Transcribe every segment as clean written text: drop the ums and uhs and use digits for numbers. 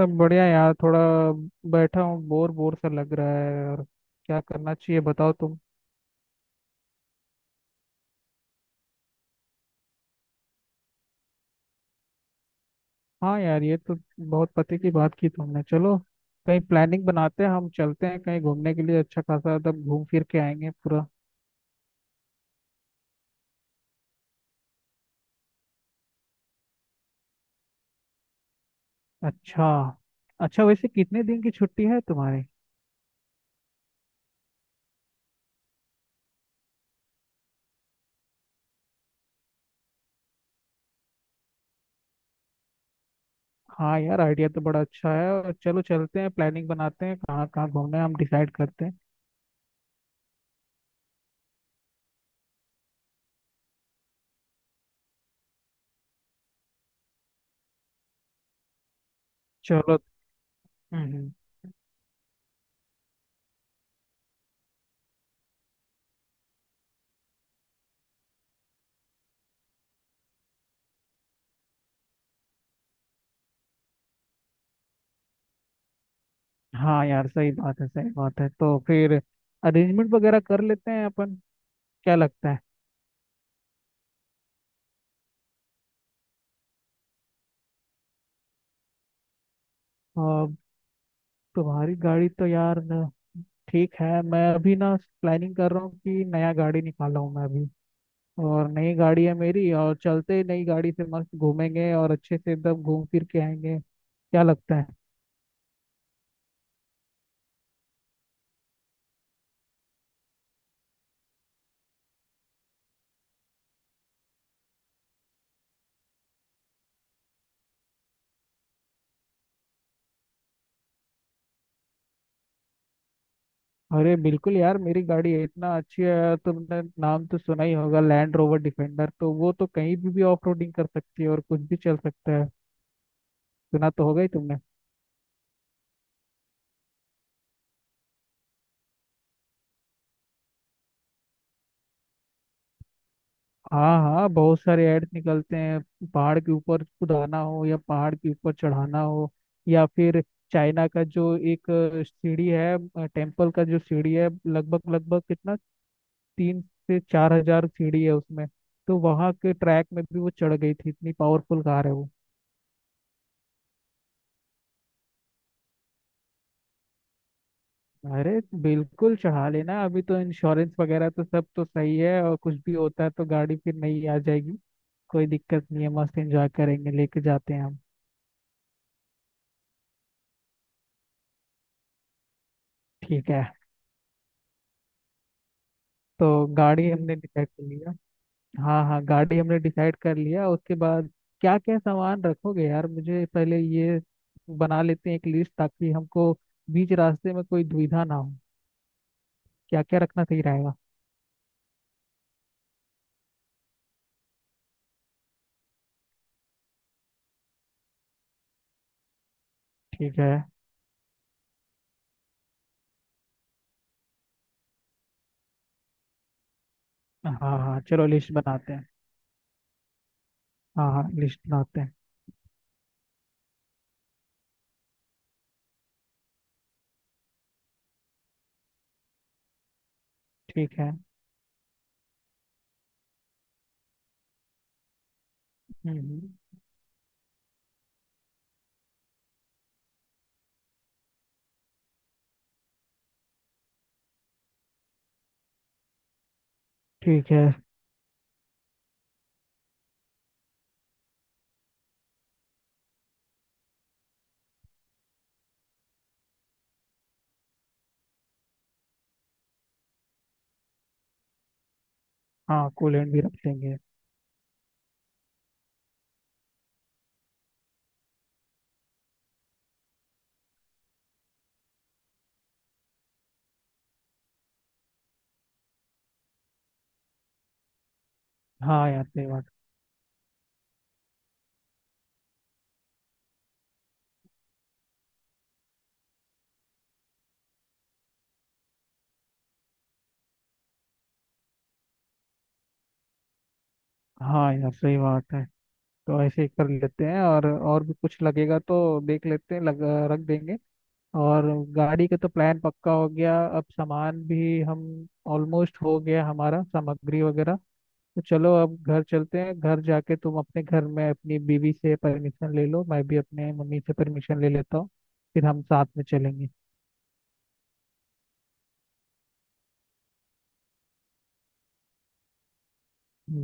सब बढ़िया यार। थोड़ा बैठा हूँ, बोर बोर सा लग रहा है। और क्या करना चाहिए, बताओ तुम। हाँ यार, ये तो बहुत पते की बात की तुमने। चलो कहीं प्लानिंग बनाते हैं, हम चलते हैं कहीं घूमने के लिए। अच्छा खासा तब घूम फिर के आएंगे पूरा। अच्छा। अच्छा, वैसे कितने दिन की छुट्टी है तुम्हारी? हाँ यार, आइडिया तो बड़ा अच्छा है। और चलो चलते हैं, प्लानिंग बनाते हैं कहाँ कहाँ घूमना है, हम डिसाइड करते हैं। चलो। हम्म। हाँ यार, सही बात है, सही बात है। तो फिर अरेंजमेंट वगैरह कर लेते हैं अपन। क्या लगता है? और तुम्हारी गाड़ी तो यार ठीक है। मैं अभी ना प्लानिंग कर रहा हूँ कि नया गाड़ी निकाला हूँ मैं अभी। और नई गाड़ी है मेरी, और चलते ही नई गाड़ी से मस्त घूमेंगे और अच्छे से एकदम घूम फिर के आएंगे। क्या लगता है? अरे बिल्कुल यार, मेरी गाड़ी है इतना अच्छी है। तुमने नाम तो सुना ही होगा, लैंड रोवर डिफेंडर। तो वो तो कहीं भी ऑफ रोडिंग कर सकती है और कुछ भी चल सकता है। सुना तो होगा ही तुमने। हाँ हाँ, बहुत सारे एड्स निकलते हैं। पहाड़ के ऊपर कुदाना हो या पहाड़ के ऊपर चढ़ाना हो, या फिर चाइना का जो एक सीढ़ी है, टेम्पल का जो सीढ़ी है, लगभग लगभग कितना 3 से 4 हजार सीढ़ी है उसमें। तो वहाँ के ट्रैक में भी वो चढ़ गई थी, इतनी पावरफुल कार है वो। अरे बिल्कुल चढ़ा लेना। अभी तो इंश्योरेंस वगैरह तो सब तो सही है और कुछ भी होता है तो गाड़ी फिर नई आ जाएगी। कोई दिक्कत नहीं है, मस्त एंजॉय करेंगे, लेके जाते हैं हम। ठीक है। तो गाड़ी हमने डिसाइड कर लिया। हाँ हाँ, गाड़ी हमने डिसाइड कर लिया। उसके बाद क्या क्या सामान रखोगे यार? मुझे पहले ये बना लेते हैं एक लिस्ट, ताकि हमको बीच रास्ते में कोई दुविधा ना हो। क्या क्या रखना सही रहेगा? ठीक है। हाँ हाँ, चलो लिस्ट बनाते हैं। हाँ हाँ, लिस्ट बनाते हैं। ठीक है। हम्म। ठीक है। हाँ, कूलेंट भी रख लेंगे। हाँ यार सही बात। हाँ यार, सही बात है। तो ऐसे ही कर लेते हैं, और भी कुछ लगेगा तो देख लेते हैं, रख देंगे। और गाड़ी का तो प्लान पक्का हो गया, अब सामान भी हम ऑलमोस्ट हो गया हमारा, सामग्री वगैरह। तो चलो, अब घर चलते हैं। घर जाके तुम अपने घर में अपनी बीवी से परमिशन ले लो, मैं भी अपने मम्मी से परमिशन ले लेता हूँ। फिर हम साथ में चलेंगे।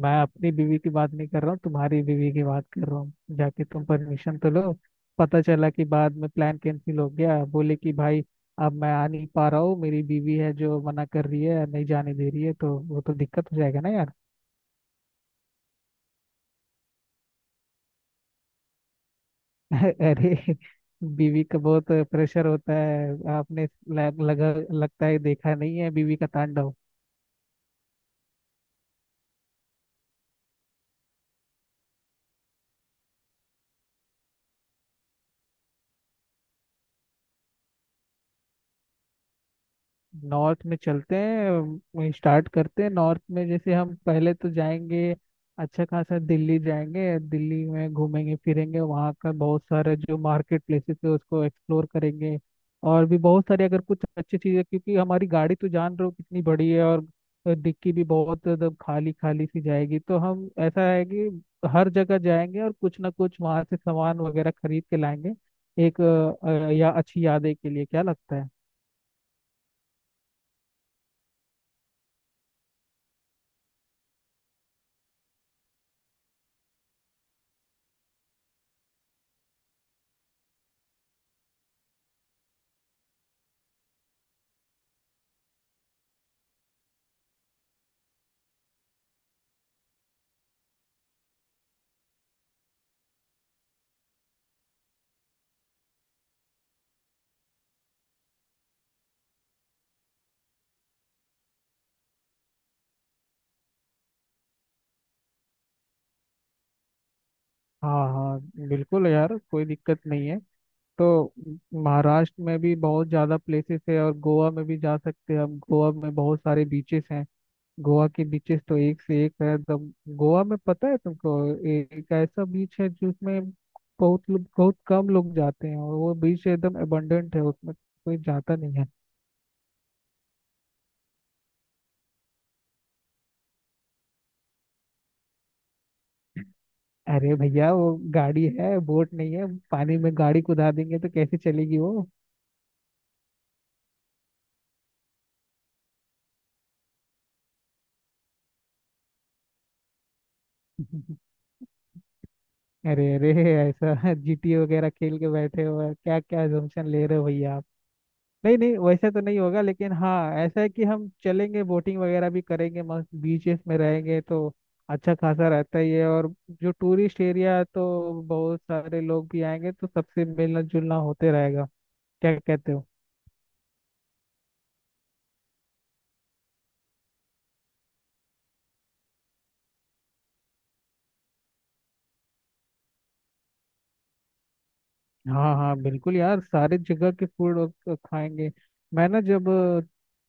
मैं अपनी बीवी की बात नहीं कर रहा हूँ, तुम्हारी बीवी की बात कर रहा हूँ। जाके तुम परमिशन तो लो। पता चला कि बाद में प्लान कैंसिल हो गया, बोले कि भाई अब मैं आ नहीं पा रहा हूँ, मेरी बीवी है जो मना कर रही है, नहीं जाने दे रही है। तो वो तो दिक्कत हो जाएगा ना यार। अरे, बीवी का बहुत प्रेशर होता है। आपने लग, लगा लगता है देखा नहीं है बीवी का तांडव। नॉर्थ में चलते हैं, स्टार्ट करते हैं नॉर्थ में। जैसे हम पहले तो जाएंगे अच्छा खासा दिल्ली, जाएंगे दिल्ली में, घूमेंगे फिरेंगे, वहाँ का बहुत सारे जो मार्केट प्लेसेस है उसको एक्सप्लोर करेंगे। और भी बहुत सारे, अगर कुछ अच्छी चीज़ें, क्योंकि हमारी गाड़ी तो जान रहे हो कितनी बड़ी है। और डिक्की भी बहुत एकदम खाली खाली सी जाएगी। तो हम ऐसा है कि हर जगह जाएंगे और कुछ ना कुछ वहाँ से सामान वगैरह खरीद के लाएंगे एक या अच्छी यादें के लिए। क्या लगता है? हाँ हाँ बिल्कुल यार, कोई दिक्कत नहीं है। तो महाराष्ट्र में भी बहुत ज़्यादा प्लेसेस है, और गोवा में भी जा सकते हैं हम। गोवा में बहुत सारे बीचेस हैं, गोवा के बीचेस तो एक से एक है। तो गोवा में पता है तुमको, एक ऐसा बीच है जिसमें बहुत लोग, बहुत कम लोग जाते हैं, और वो बीच एकदम एबंडेंट है, उसमें कोई जाता नहीं है। अरे भैया वो गाड़ी है, बोट नहीं है। पानी में गाड़ी कुदा देंगे तो कैसे चलेगी वो? अरे अरे, ऐसा जीटी वगैरह खेल के बैठे हो क्या? क्या assumption ले रहे हो भैया आप? नहीं नहीं, वैसे तो नहीं होगा, लेकिन हाँ, ऐसा है कि हम चलेंगे, बोटिंग वगैरह भी करेंगे, मस्त बीचेस में रहेंगे तो अच्छा खासा रहता ही है। और जो टूरिस्ट एरिया है तो बहुत सारे लोग भी आएंगे तो सबसे मिलना जुलना होते रहेगा। क्या कहते हो? हाँ हाँ बिल्कुल यार, सारे जगह के फूड और खाएंगे। मैं ना जब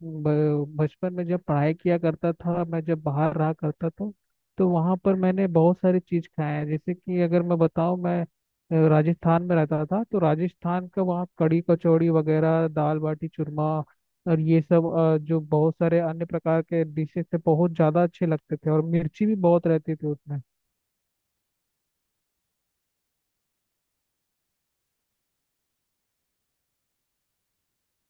बचपन में जब पढ़ाई किया करता था, मैं जब बाहर रहा करता था, तो वहाँ पर मैंने बहुत सारी चीज़ खाए हैं। जैसे कि अगर मैं बताऊँ, मैं राजस्थान में रहता था, तो राजस्थान का वहाँ कढ़ी कचौड़ी वगैरह, दाल बाटी चूरमा, और ये सब जो बहुत सारे अन्य प्रकार के डिशेस थे, बहुत ज़्यादा अच्छे लगते थे। और मिर्ची भी बहुत रहती थी उसमें।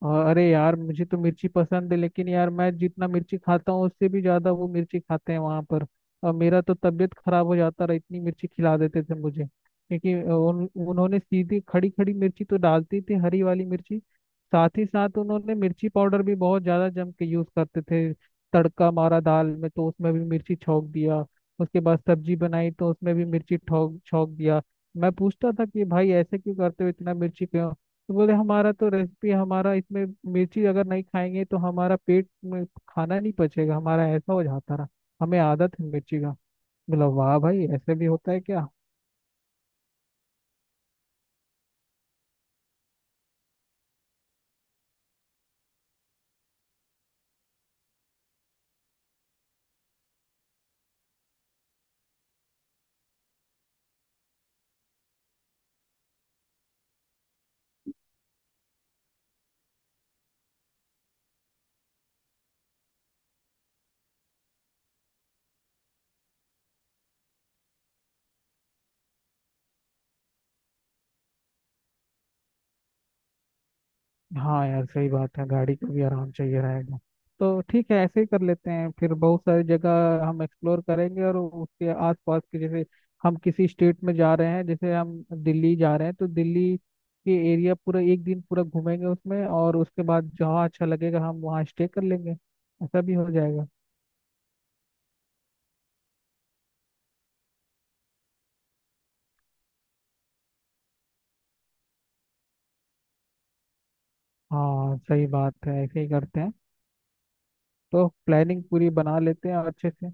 और अरे यार, मुझे तो मिर्ची पसंद है, लेकिन यार मैं जितना मिर्ची खाता हूँ उससे भी ज्यादा वो मिर्ची खाते हैं वहां पर। और मेरा तो तबीयत खराब हो जाता रहा, इतनी मिर्ची खिला देते थे मुझे। क्योंकि उन्होंने सीधी खड़ी खड़ी मिर्ची तो डालती थी, हरी वाली मिर्ची। साथ ही साथ उन्होंने मिर्ची पाउडर भी बहुत ज्यादा जम के यूज करते थे। तड़का मारा दाल में तो उसमें भी मिर्ची छौंक दिया, उसके बाद सब्जी बनाई तो उसमें भी मिर्ची ठोक छौंक दिया। मैं पूछता था कि भाई ऐसे क्यों करते हो, इतना मिर्ची क्यों? तो बोले हमारा तो रेसिपी हमारा इसमें, मिर्ची अगर नहीं खाएंगे तो हमारा पेट में खाना नहीं पचेगा। हमारा ऐसा हो जाता रहा, हमें आदत है मिर्ची का। बोला वाह भाई, ऐसे भी होता है क्या? हाँ यार सही बात है, गाड़ी को भी आराम चाहिए रहेगा। तो ठीक है, ऐसे ही कर लेते हैं। फिर बहुत सारी जगह हम एक्सप्लोर करेंगे और उसके आसपास के, जैसे हम किसी स्टेट में जा रहे हैं, जैसे हम दिल्ली जा रहे हैं तो दिल्ली के एरिया पूरा एक दिन पूरा घूमेंगे उसमें। और उसके बाद जहाँ अच्छा लगेगा हम वहाँ स्टे कर लेंगे। ऐसा भी हो जाएगा। हाँ सही बात है, ऐसे ही करते हैं। तो प्लानिंग पूरी बना लेते हैं, और अच्छे से।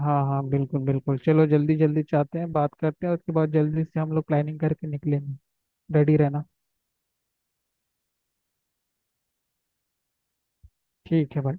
हाँ हाँ बिल्कुल बिल्कुल, चलो जल्दी जल्दी चाहते हैं बात करते हैं, उसके बाद जल्दी से हम लोग प्लानिंग करके निकलेंगे। रेडी रहना। ठीक है भाई।